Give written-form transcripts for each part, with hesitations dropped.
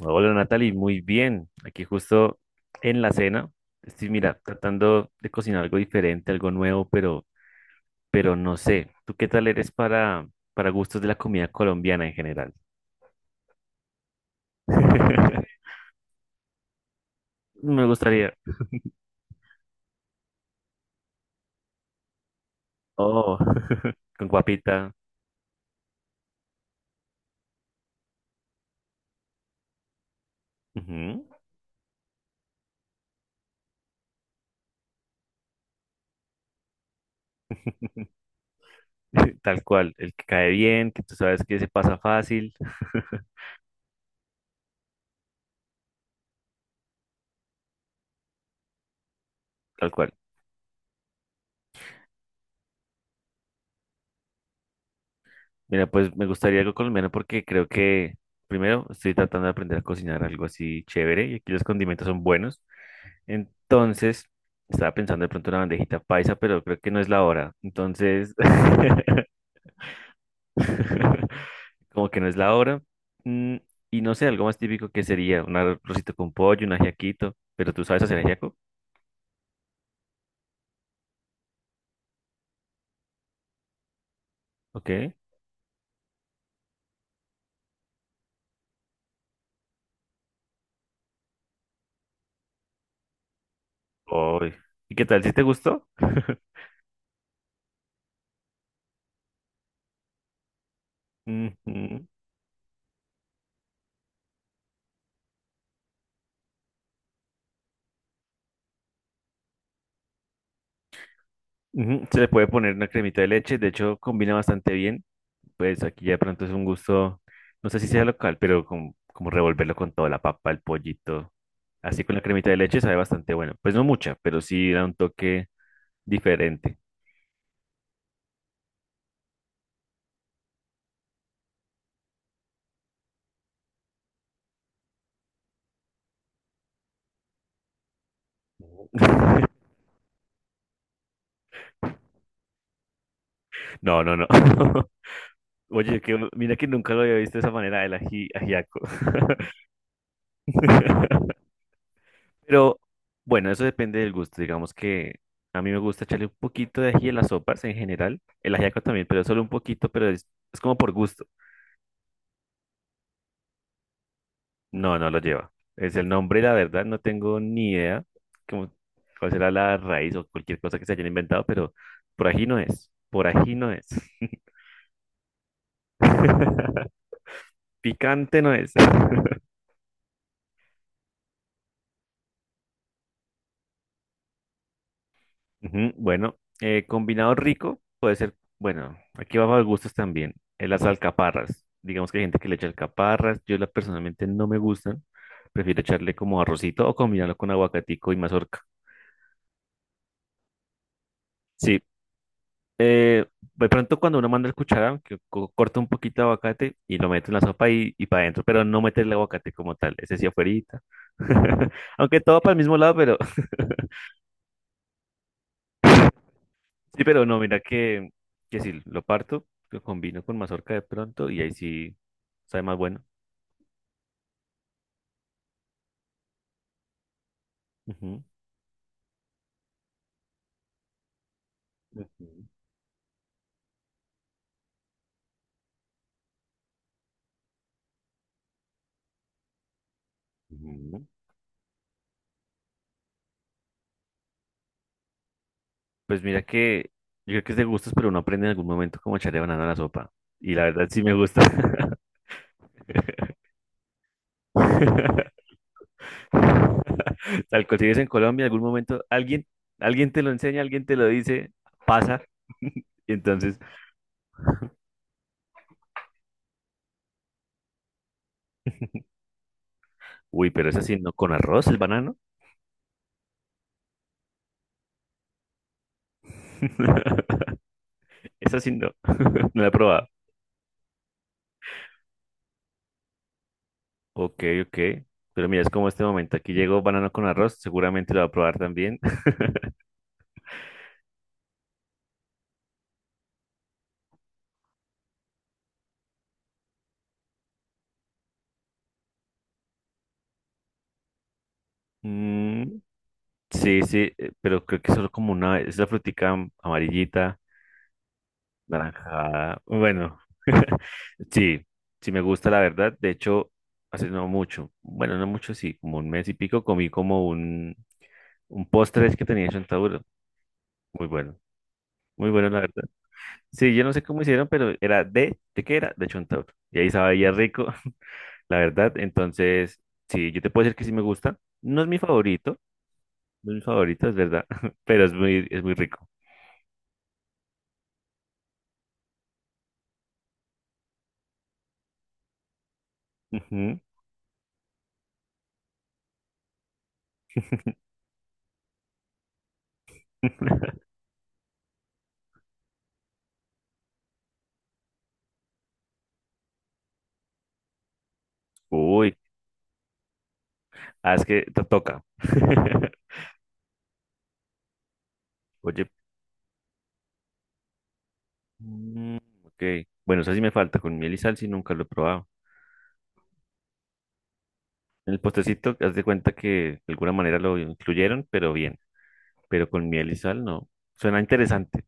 Hola Natalie, muy bien. Aquí justo en la cena. Estoy, mira, tratando de cocinar algo diferente, algo nuevo, pero, no sé. ¿Tú qué tal eres para gustos de la comida colombiana en general? Me gustaría. Oh, con guapita. Ujú. Tal cual, el que cae bien, que tú sabes que se pasa fácil. Tal cual. Mira, pues me gustaría algo colombiano porque creo que primero estoy tratando de aprender a cocinar algo así chévere y aquí los condimentos son buenos. Entonces, estaba pensando de pronto en una bandejita paisa, pero creo que no es la hora. Entonces, como que no es la hora. Mm, y no sé, algo más típico que sería un arrocito con pollo, un ajiaquito. Pero tú sabes hacer ajiaco, ¿ok? Uy, ¿y qué tal? ¿Si te gustó? Ujú. Ujú. Se le puede poner una cremita de leche, de hecho combina bastante bien. Pues aquí ya de pronto es un gusto, no sé si sea local, pero como, revolverlo con toda la papa, el pollito, así con la cremita de leche sabe bastante bueno. Pues no mucha, pero sí da un toque diferente. No, no, no. Oye, que mira que nunca lo había visto de esa manera, el ají, ajiaco. Pero bueno, eso depende del gusto. Digamos que a mí me gusta echarle un poquito de ají a las sopas en general. El ajiaco también, pero solo un poquito, pero es como por gusto. No, no lo lleva. Es el nombre, la verdad, no tengo ni idea cómo, cuál será la raíz o cualquier cosa que se hayan inventado, pero por ají no es. Por ají no es. Picante no es. Ujú. Bueno, combinado rico puede ser, bueno, aquí va a gustos también. Las alcaparras, digamos que hay gente que le echa alcaparras, yo la, personalmente no me gustan, prefiero echarle como arrocito o combinarlo con aguacatico y mazorca. Sí, eh, de pronto cuando uno manda el cuchara, que corta un poquito de aguacate y lo mete en la sopa y para adentro, pero no mete el aguacate como tal, ese sí afuerita. Aunque todo para el mismo lado, pero sí, pero no, mira que si lo parto, lo combino con mazorca de pronto y ahí sí sabe más bueno. Ujú, ujú, ujú. Pues mira que yo creo que es de gustos, pero uno aprende en algún momento cómo echarle banana a la sopa. Y la verdad sí me gusta. Tal cual si vives en Colombia, en algún momento alguien, alguien te lo enseña, alguien te lo dice, pasa. Y entonces, uy, pero es así no, con arroz el banano. Es así no. No la he probado. Ok, ok. Pero mira, es como este momento. Aquí llegó banano con arroz. Seguramente lo va a probar también. Mm, sí, sí, pero creo que solo como una. Es la frutica amarillita, naranjada. Bueno, sí, sí me gusta la verdad. De hecho, hace no mucho. Bueno, no mucho, sí, como un mes y pico comí como un postre que tenía en chontaduro. Muy bueno, muy bueno la verdad. Sí, yo no sé cómo hicieron, pero era ¿de qué era? De chontaduro. Y ahí sabía rico. La verdad. Entonces, sí, yo te puedo decir que sí me gusta. No es mi favorito, no es mi favorito, es verdad, pero es muy rico. Ujú. Uy, ah, es que te toca. Oye, mm, ok. Bueno, eso sí me falta, con miel y sal sí nunca lo he probado. El postrecito, haz de cuenta que de alguna manera lo incluyeron, pero bien. Pero con miel y sal no. Suena interesante.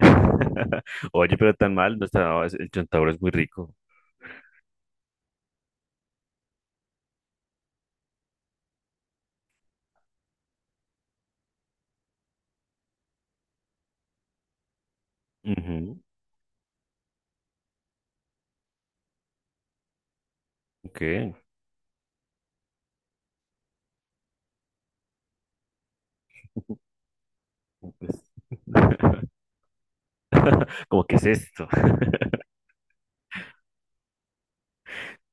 Oye, pero tan mal, no está, no, el chontaduro es muy rico. Ujú. Ok. Pues, como, ¿qué es esto?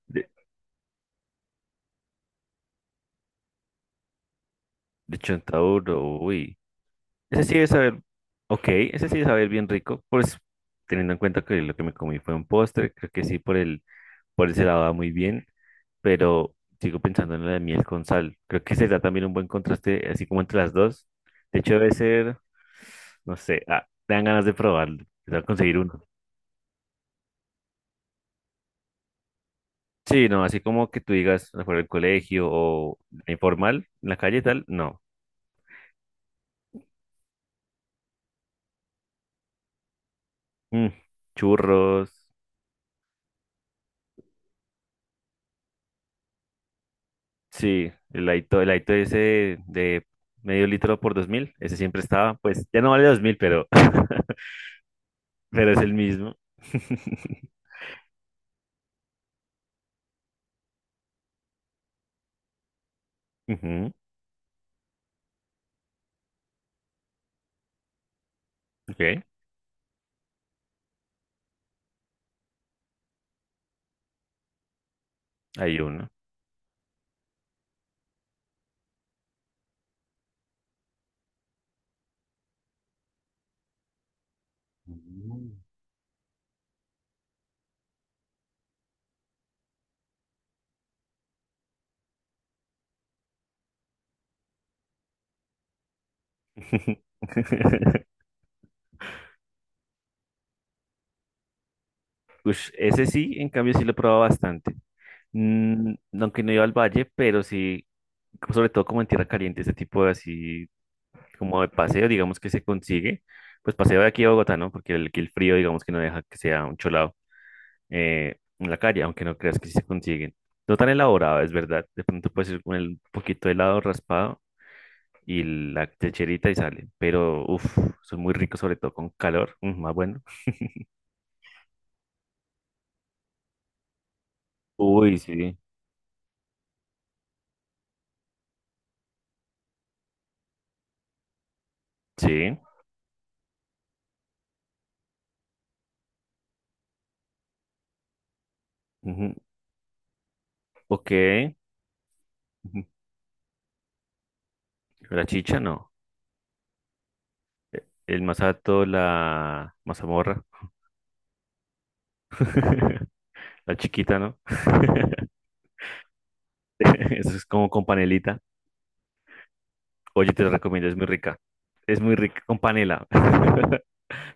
De, de, chontaduro, uy. Ese sí debe saber, ok, ese sí debe saber bien rico, pues teniendo en cuenta que lo que me comí fue un postre, creo que sí, por el, por ese lado va muy bien, pero sigo pensando en la de miel con sal. Creo que será también un buen contraste, así como entre las dos. De hecho, debe ser, no sé, ah, me dan ganas de probarlo, de conseguir uno. Sí, no, así como que tú digas afuera del colegio o informal, en la calle y tal, no. Mm, churros. Sí, el Aito ese de medio litro por 2000, ese siempre estaba, pues ya no vale 2000, pero pero es el mismo. Ujú, ok, hay uno. Ush, ese sí, en cambio sí lo he probado bastante. Aunque no iba al valle, pero sí, sobre todo como en tierra caliente, ese tipo de así, como de paseo, digamos que se consigue. Pues paseo de aquí a Bogotá, ¿no? Porque el, aquí el frío, digamos que no deja que sea un cholado. En la calle, aunque no creas que sí se consiguen. No tan elaborado, es verdad. De pronto puedes ir con un poquito de helado raspado y la techerita y sale. Pero, uff, son muy ricos, sobre todo con calor. Más bueno. Uy, sí. Sí. Ujú, ok. Ujú. La chicha, no. El masato, la mazamorra. La chiquita, ¿no? Eso es como con panelita. Oye, te lo recomiendo, es muy rica. Es muy rica con panela.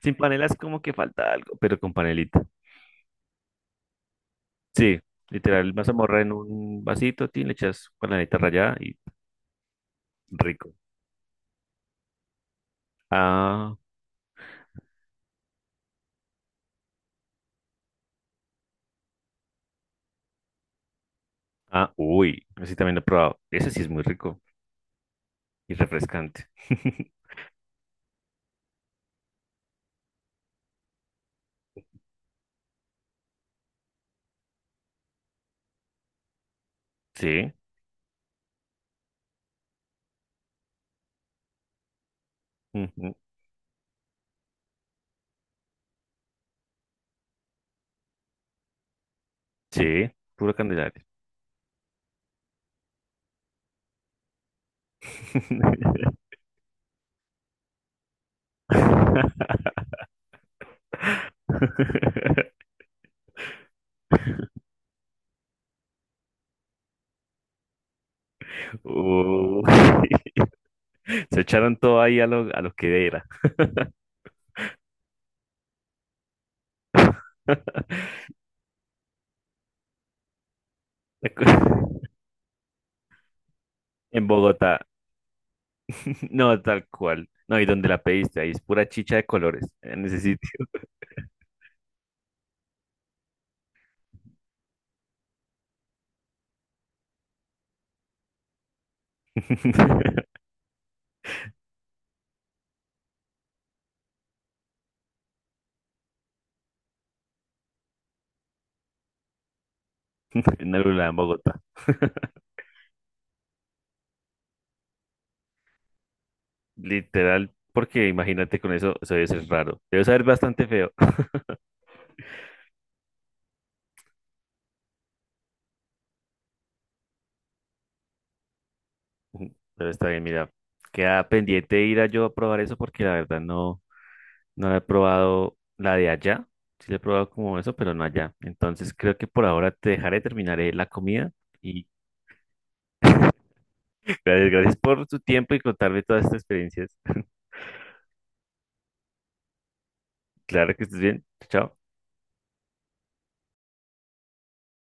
Sin panela es como que falta algo, pero con panelita. Sí, literal, mazamorra en un vasito, tin, le echas panelita rallada y rico. Ah, ah, uy, ese también lo he probado. Ese sí es muy rico y refrescante. Sí, ujú, sí, puro candelaria. Uy, se echaron todo ahí a lo que era. En Bogotá. No, tal cual. No, y donde la pediste, ahí es pura chicha de colores, en ese sitio. En Alula, en Bogotá. Literal, porque imagínate con eso, eso debe ser raro. Debe saber bastante feo. Pero está bien, mira. Queda pendiente ir a yo a probar eso porque la verdad no, no la he probado la de allá. Sí la he probado como eso, pero no allá. Entonces creo que por ahora te dejaré, terminaré la comida. Y gracias, gracias por tu tiempo y contarme todas estas experiencias. Claro que estés bien. Chao.